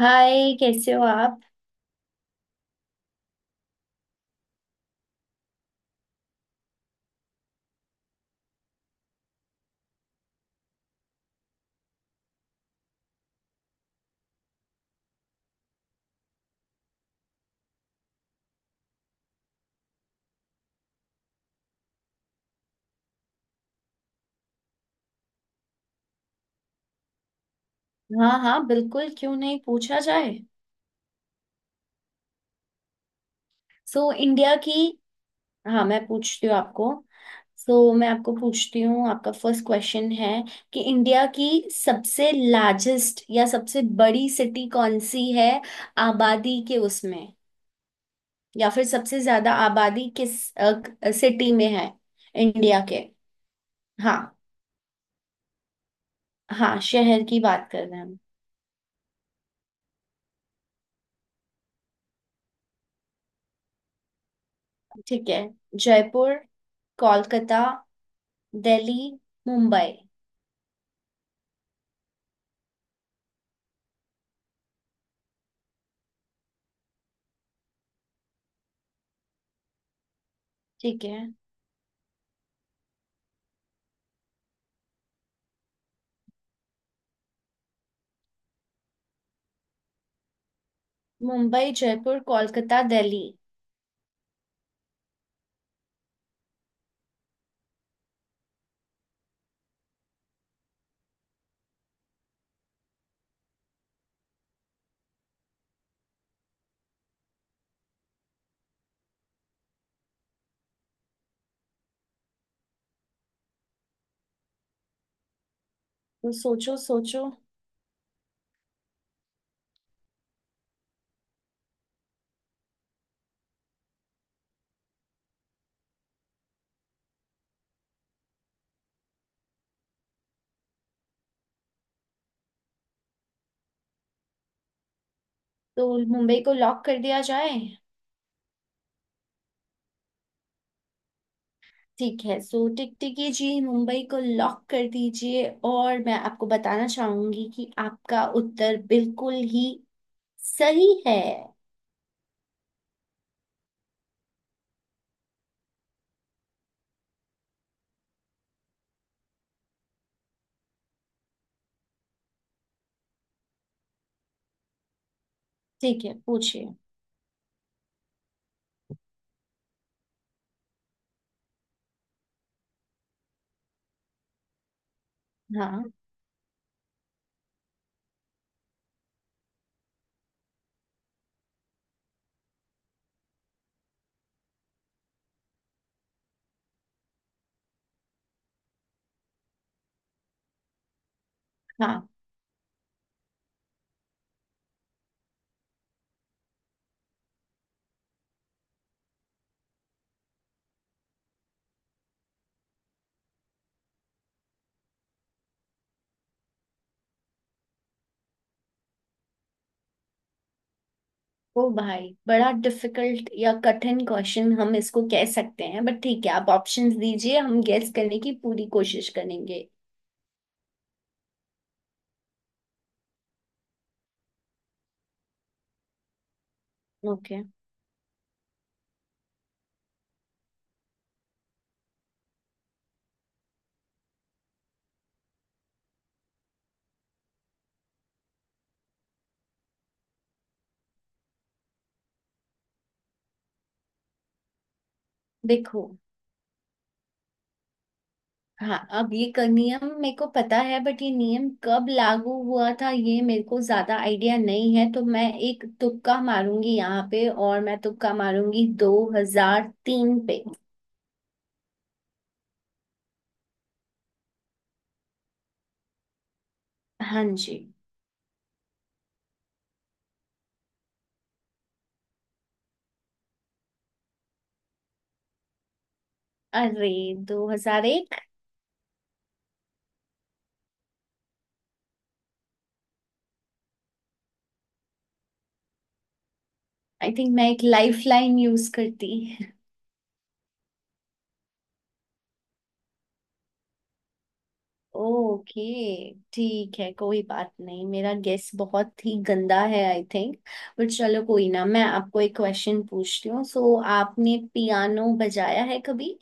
हाय, कैसे हो आप। हाँ हाँ, बिल्कुल, क्यों नहीं, पूछा जाए। सो इंडिया की। हाँ, मैं पूछती हूँ आपको। सो मैं आपको पूछती हूँ, आपका फर्स्ट क्वेश्चन है कि इंडिया की सबसे लार्जेस्ट या सबसे बड़ी सिटी कौन सी है आबादी के उसमें। या फिर सबसे ज्यादा आबादी किस सिटी में है इंडिया के। हाँ हाँ, शहर की बात कर रहे हैं हम। ठीक है। जयपुर, कोलकाता, दिल्ली, मुंबई। ठीक है, मुंबई, जयपुर, कोलकाता, दिल्ली। तो सोचो सोचो। तो मुंबई को लॉक कर दिया जाए। ठीक है, सो टिकटिकी जी मुंबई को लॉक कर दीजिए, और मैं आपको बताना चाहूंगी कि आपका उत्तर बिल्कुल ही सही है। ठीक है, पूछिए। हाँ हाँ। ओ भाई, बड़ा डिफिकल्ट या कठिन क्वेश्चन हम इसको कह सकते हैं, बट ठीक है, आप ऑप्शंस दीजिए, हम गेस करने की पूरी कोशिश करेंगे। ओके। देखो, हाँ, अब ये नियम मेरे को पता है, बट ये नियम कब लागू हुआ था ये मेरे को ज्यादा आइडिया नहीं है, तो मैं एक तुक्का मारूंगी यहाँ पे, और मैं तुक्का मारूंगी 2003 पे। हाँ जी। अरे, 2001। आई थिंक मैं एक लाइफ लाइन यूज करती। ओके, ठीक है, कोई बात नहीं, मेरा गेस बहुत ही गंदा है आई थिंक। बट चलो कोई ना, मैं आपको एक क्वेश्चन पूछती हूँ। सो आपने पियानो बजाया है कभी।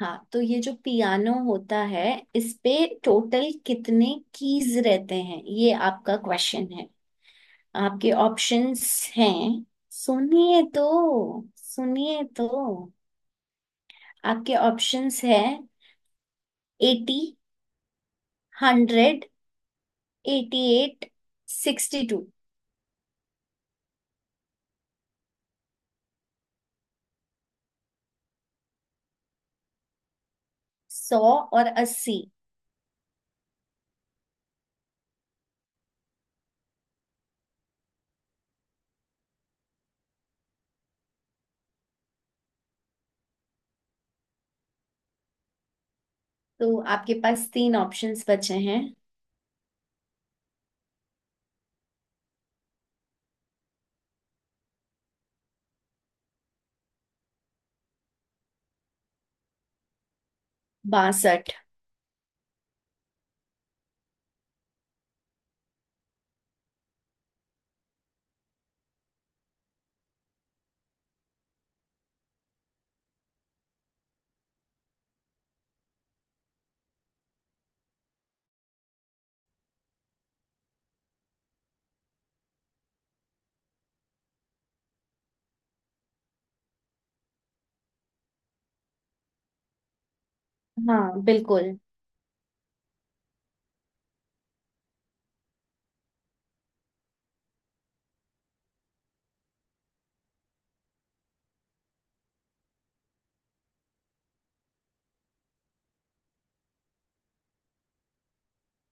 हाँ, तो ये जो पियानो होता है इस पे टोटल कितने कीज रहते हैं, ये आपका क्वेश्चन है। आपके ऑप्शंस हैं। सुनिए तो, सुनिए तो। आपके ऑप्शंस है eighty, hundred, eighty eight, sixty two. सौ और अस्सी। तो आपके पास तीन ऑप्शंस बचे हैं। बासठ। हाँ बिल्कुल।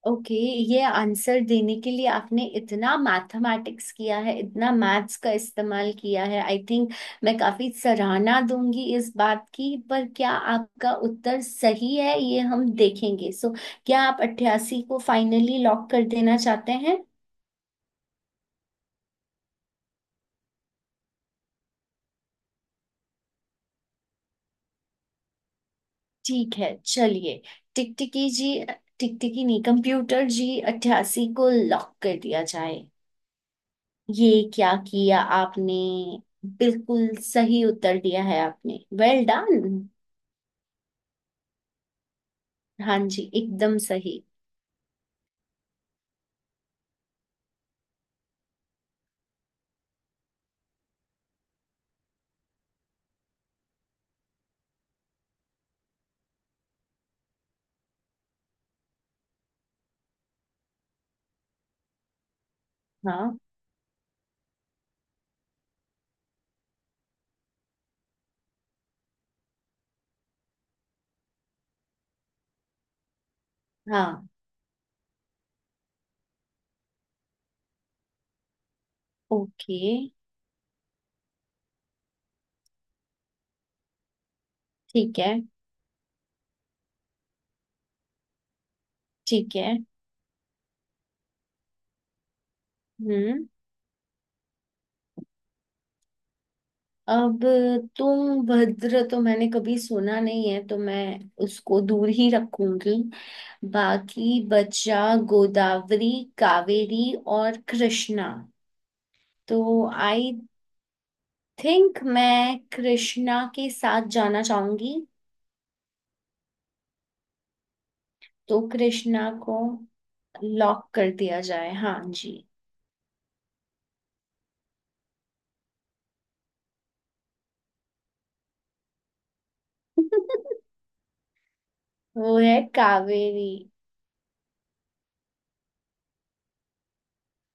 ओके। ये आंसर देने के लिए आपने इतना मैथमेटिक्स किया है, इतना मैथ्स का इस्तेमाल किया है आई थिंक। मैं काफी सराहना दूंगी इस बात की, पर क्या आपका उत्तर सही है ये हम देखेंगे। सो क्या आप अट्ठासी को फाइनली लॉक कर देना चाहते हैं। ठीक है, चलिए, टिकटिकी जी, टिकटिकी नहीं कंप्यूटर जी, अट्ठासी को लॉक कर दिया जाए। ये क्या किया आपने, बिल्कुल सही उत्तर दिया है आपने, वेल डन। हाँ जी, एकदम सही। हाँ हाँ, ओके। ठीक है, ठीक है। हम्म। अब तुम भद्र तो मैंने कभी सुना नहीं है, तो मैं उसको दूर ही रखूंगी। बाकी बचा गोदावरी, कावेरी और कृष्णा। तो आई थिंक मैं कृष्णा के साथ जाना चाहूंगी। तो कृष्णा को लॉक कर दिया जाए, हाँ जी। वो है कावेरी।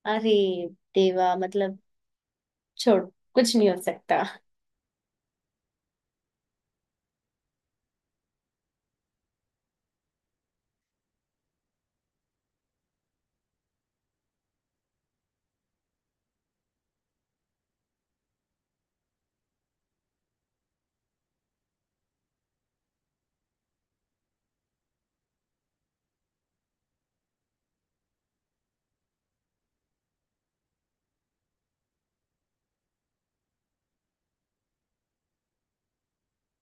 अरे देवा, मतलब छोड़, कुछ नहीं हो सकता।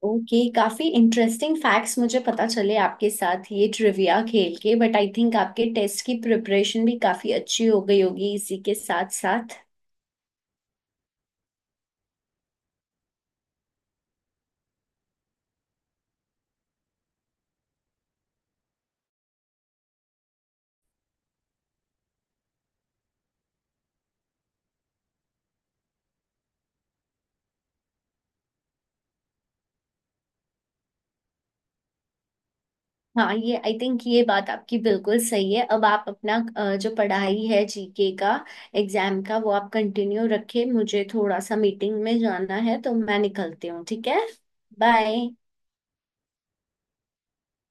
ओके, काफी इंटरेस्टिंग फैक्ट्स मुझे पता चले आपके साथ ये ट्रिविया खेल के, बट आई थिंक आपके टेस्ट की प्रिपरेशन भी काफी अच्छी हो गई होगी इसी के साथ साथ। हाँ, ये आई थिंक ये बात आपकी बिल्कुल सही है। अब आप अपना जो पढ़ाई है जीके का एग्जाम का वो आप कंटिन्यू रखें, मुझे थोड़ा सा मीटिंग में जाना है तो मैं निकलती हूँ, ठीक है। बाय।